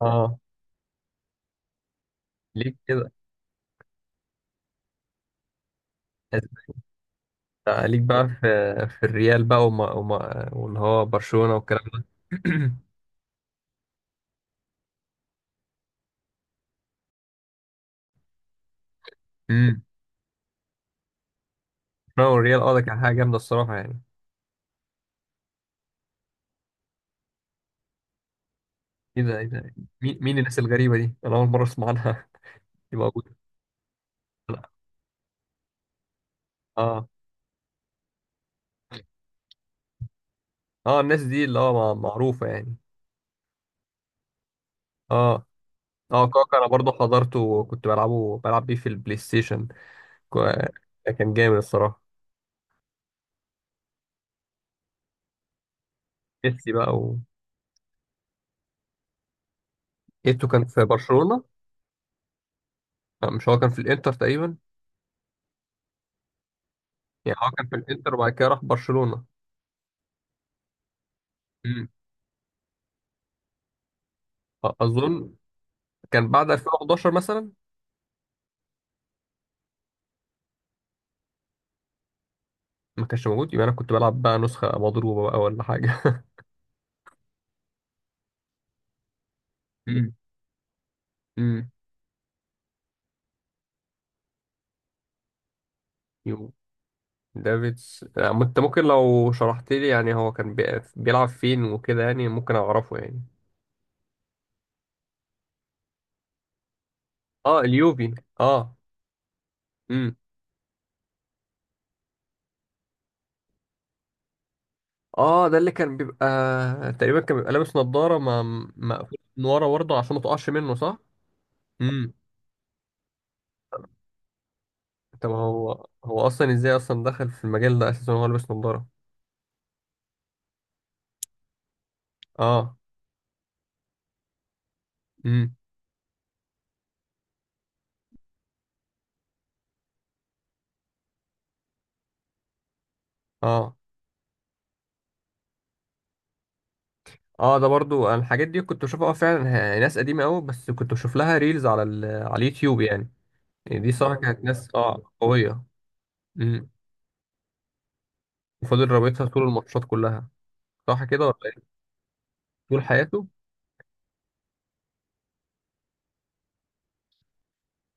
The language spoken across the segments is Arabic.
اه، ليك كده. ليك بقى في الريال بقى وما وما واللي هو برشلونة والكلام ده. امم برشلونة والريال، اه، ده كان حاجة جامدة الصراحة يعني. ايه ده. مين الناس الغريبة دي؟ أنا أول مرة أسمع عنها. دي موجودة؟ لا. اه. اه، الناس دي اللي هو معروفة يعني. اه. اه، كاكا أنا برضه حضرته وكنت بلعب بيه في البلاي ستيشن. كو- كان جامد الصراحة. ميسي بقى و... ايتو كان في برشلونة. آه، مش هو كان في الانتر تقريبا؟ يعني هو كان في الانتر وبعد كده راح برشلونة. اظن كان بعد 2011 مثلا. ما كانش موجود؟ يبقى انا كنت بلعب بقى نسخه مضروبه بقى ولا حاجه. امم امم. يو، دافيدز، آه، انت ممكن لو شرحت لي يعني هو كان بيلعب فين وكده يعني ممكن اعرفه يعني. اه، اليوفي، اه. امم. اه، ده اللي كان بيبقى تقريبا كان بيبقى لابس نظاره، ما مقفول من ورا برضه عشان ما تقعش منه، صح؟ امم. طب هو اصلا ازاي اصلا دخل في المجال ده اساسا وهو لابس نظاره؟ اه. امم. اه. اه، ده برضو أنا الحاجات دي كنت بشوفها، اه فعلا. ناس قديمة قوي، بس كنت بشوف لها ريلز على ال... على اليوتيوب يعني. يعني دي صراحة كانت ناس اه قوية. امم. وفضل رابطها طول الماتشات كلها، صح كده ولا ايه؟ طول حياته.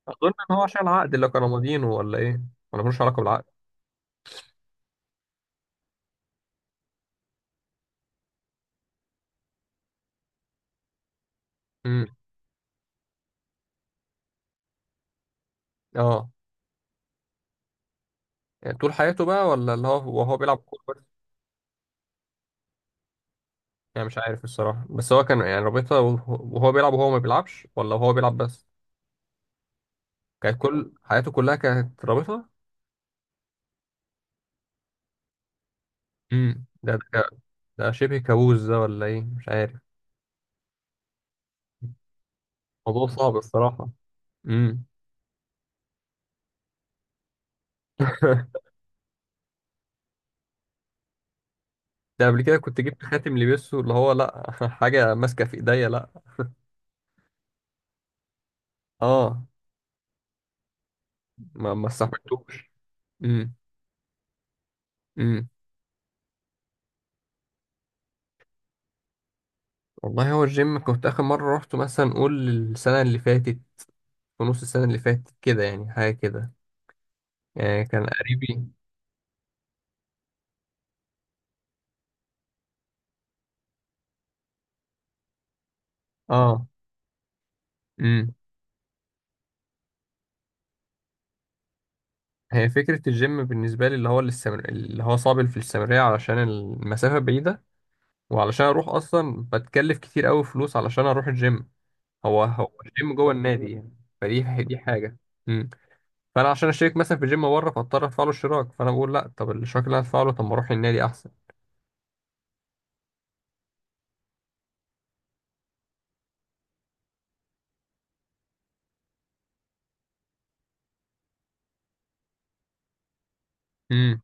اظن ان هو عشان العقد اللي كان ماضيينه، ولا ايه؟ ولا ملوش علاقة بالعقد؟ امم. اه. يعني طول حياته بقى ولا اللي هو وهو بيلعب كورة بس؟ يعني مش عارف الصراحة، بس هو كان يعني رابطها وهو بيلعب وهو ما بيلعبش، ولا وهو بيلعب بس؟ كانت كل حياته كلها كانت رابطها. امم. ده ده شبه كابوس ده، ولا ايه؟ مش عارف. موضوع صعب الصراحة. امم. ده قبل كده كنت جبت خاتم لبسه، اللي هو لا، حاجة ماسكة في ايديا، لا. اه، ما استحملتوش. امم. امم. والله هو الجيم كنت اخر مرة روحته مثلا نقول السنة اللي فاتت ونص، السنة اللي فاتت كده يعني، حاجة كده. يعني كان قريبي. اه. امم. هي فكرة الجيم بالنسبة لي اللي هو اللي هو صعب في الاستمرارية علشان المسافة بعيدة، وعلشان اروح اصلا بتكلف كتير قوي فلوس علشان اروح الجيم. هو الجيم جوه النادي يعني. فدي، دي حاجه. امم. فانا عشان اشترك مثلا في جيم بره فاضطر ادفع له اشتراك، فانا بقول لا، طب الاشتراك اللي أنا هدفع له، طب ما اروح النادي احسن. امم.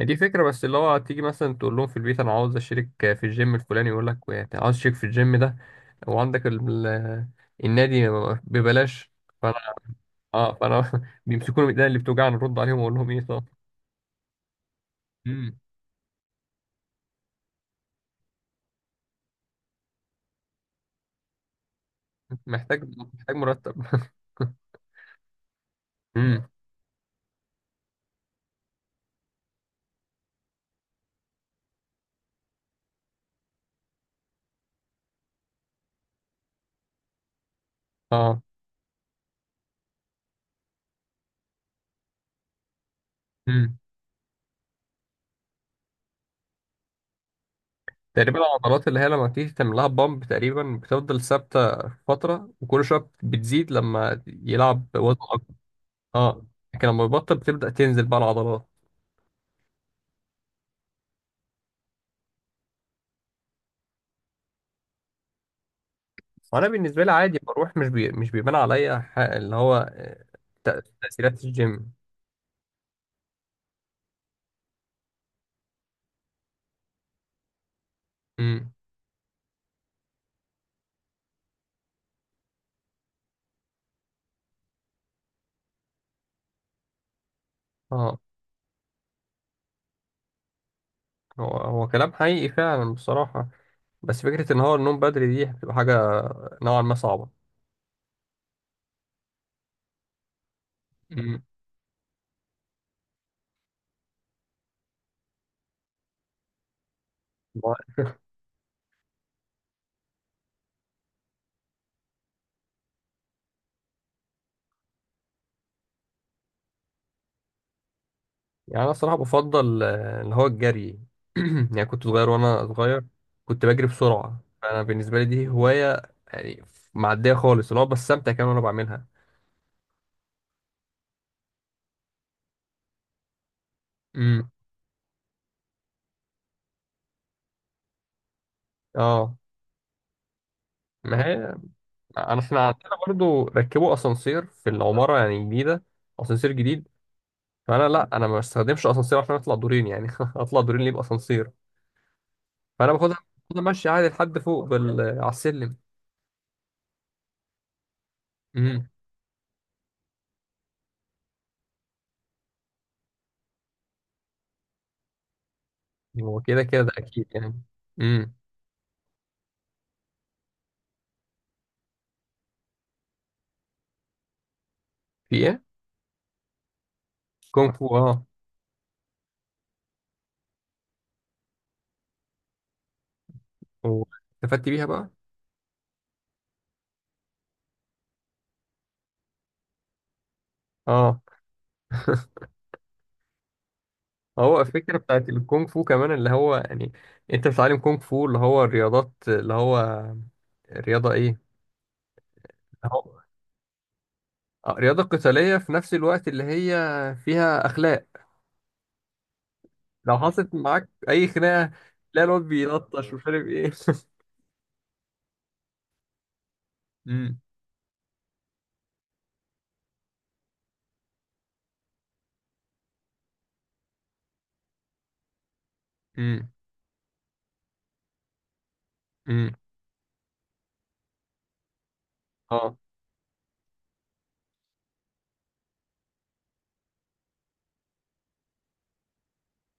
دي فكره، بس اللي هو تيجي مثلا تقول لهم في البيت انا عاوز اشترك في الجيم الفلاني، يقول لك يعني عاوز اشترك في الجيم ده وعندك ال... النادي ببلاش. فانا، اه، فانا بيمسكوني من ايدينا اللي بتوجعني نرد عليهم واقول لهم ايه طب. امم. محتاج مرتب. امم. اه، تقريبا العضلات اللي هي لما تيجي تعمل لها بامب تقريبا بتفضل ثابته فتره، وكل شويه بتزيد لما يلعب وزن اكبر. اه، لكن لما يبطل بتبدا تنزل بقى العضلات. وانا بالنسبه لي عادي بروح، مش بيبان عليا، اللي هو آه، تاثيرات الجيم. امم. اه، هو كلام حقيقي فعلا بصراحه، بس فكره ان هو النوم بدري دي بتبقى حاجه نوعا ما صعبه. امم. يعني انا الصراحه بفضل آه، اللي هو الجري. يعني كنت صغير وانا صغير كنت بجري بسرعه، فانا بالنسبه لي دي هوايه يعني. معديه خالص، اللي هو بستمتع كمان وانا بعملها. امم. اه، ما هي، احنا عندنا برضو ركبوا اسانسير في العماره يعني جديده، اسانسير جديد. فانا لا، انا ما بستخدمش اسانسير عشان اطلع دورين يعني. اطلع دورين ليه باسانسير؟ فانا باخدها، باخدها ماشي عادي لحد فوق بال... على السلم. امم. هو كده ده اكيد يعني. امم. في ايه؟ كونغ فو، اه. واستفدت بيها بقى؟ اه. هو الفكرة بتاعت الكونغ فو كمان اللي هو يعني انت بتتعلم كونغ فو اللي هو الرياضات اللي هو رياضة ايه؟ اللي هو آه، رياضة قتالية في نفس الوقت اللي هي فيها اخلاق. لو حصلت معاك اي خناقة، لا الواد بيلطش بالظبط ومش عارف ايه. امم امم امم. اه،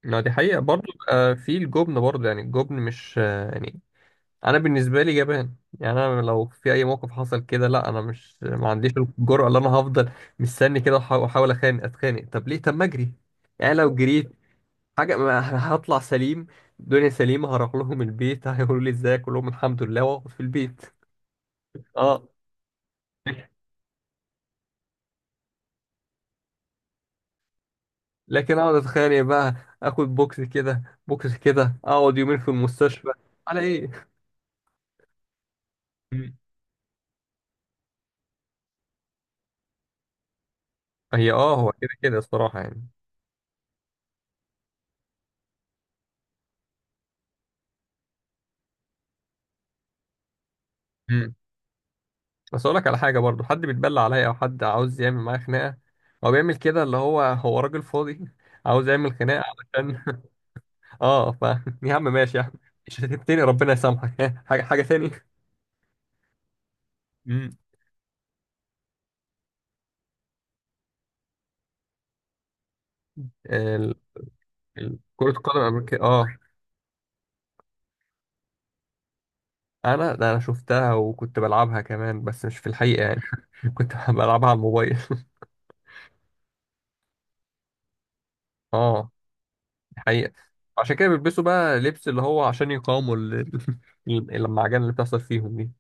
ما دي حقيقة برضه، آه، في الجبن برضه يعني، الجبن مش آه، يعني انا بالنسبه لي جبان يعني. انا لو في اي موقف حصل كده، لا انا مش، ما عنديش الجرأه اللي انا هفضل مستني كده واحاول اتخانق، طب ليه؟ طب ما اجري يعني. لو جريت حاجه، ما أنا هطلع سليم، الدنيا سليمه، هروح لهم البيت. هيقولوا لي ازيك، اقول لهم الحمد لله، واقعد في البيت. اه، لكن اقعد اتخانق بقى، اخد بوكس كده، بوكس كده، اقعد يومين في المستشفى على ايه؟ مم. هي اه، هو كده كده الصراحه يعني. بس اقول لك على حاجه برضو، حد بيتبلى عليا او حد عاوز يعمل معايا خناقه، هو بيعمل كده اللي هو راجل فاضي عاوز يعمل خناقه علشان اه، ف، يا عم ماشي يا عم. مش هتبتني، ربنا يسامحك. حاجه تاني. امم. ال... ال... كره القدم الامريكيه، اه. انا ده انا شفتها وكنت بلعبها كمان، بس مش في الحقيقه يعني. كنت بلعبها على الموبايل. اه. دي حقيقه. عشان كده بيلبسوا بقى لبس اللي هو عشان يقاوموا اللمعجان اللي بتحصل فيهم دي.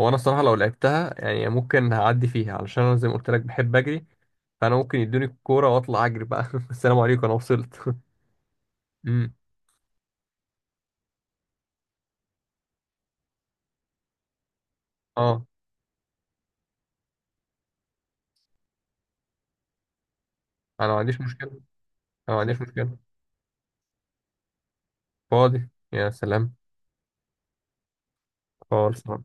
هو انا الصراحه لو لعبتها يعني ممكن هعدي فيها، علشان انا زي ما قلت لك بحب اجري. فانا ممكن يدوني الكوره واطلع اجري بقى. السلام عليكم انا وصلت. امم. اه، انا ما عنديش مشكله. انا ما عنديش مشكله. فاضي يا سلام. خالص.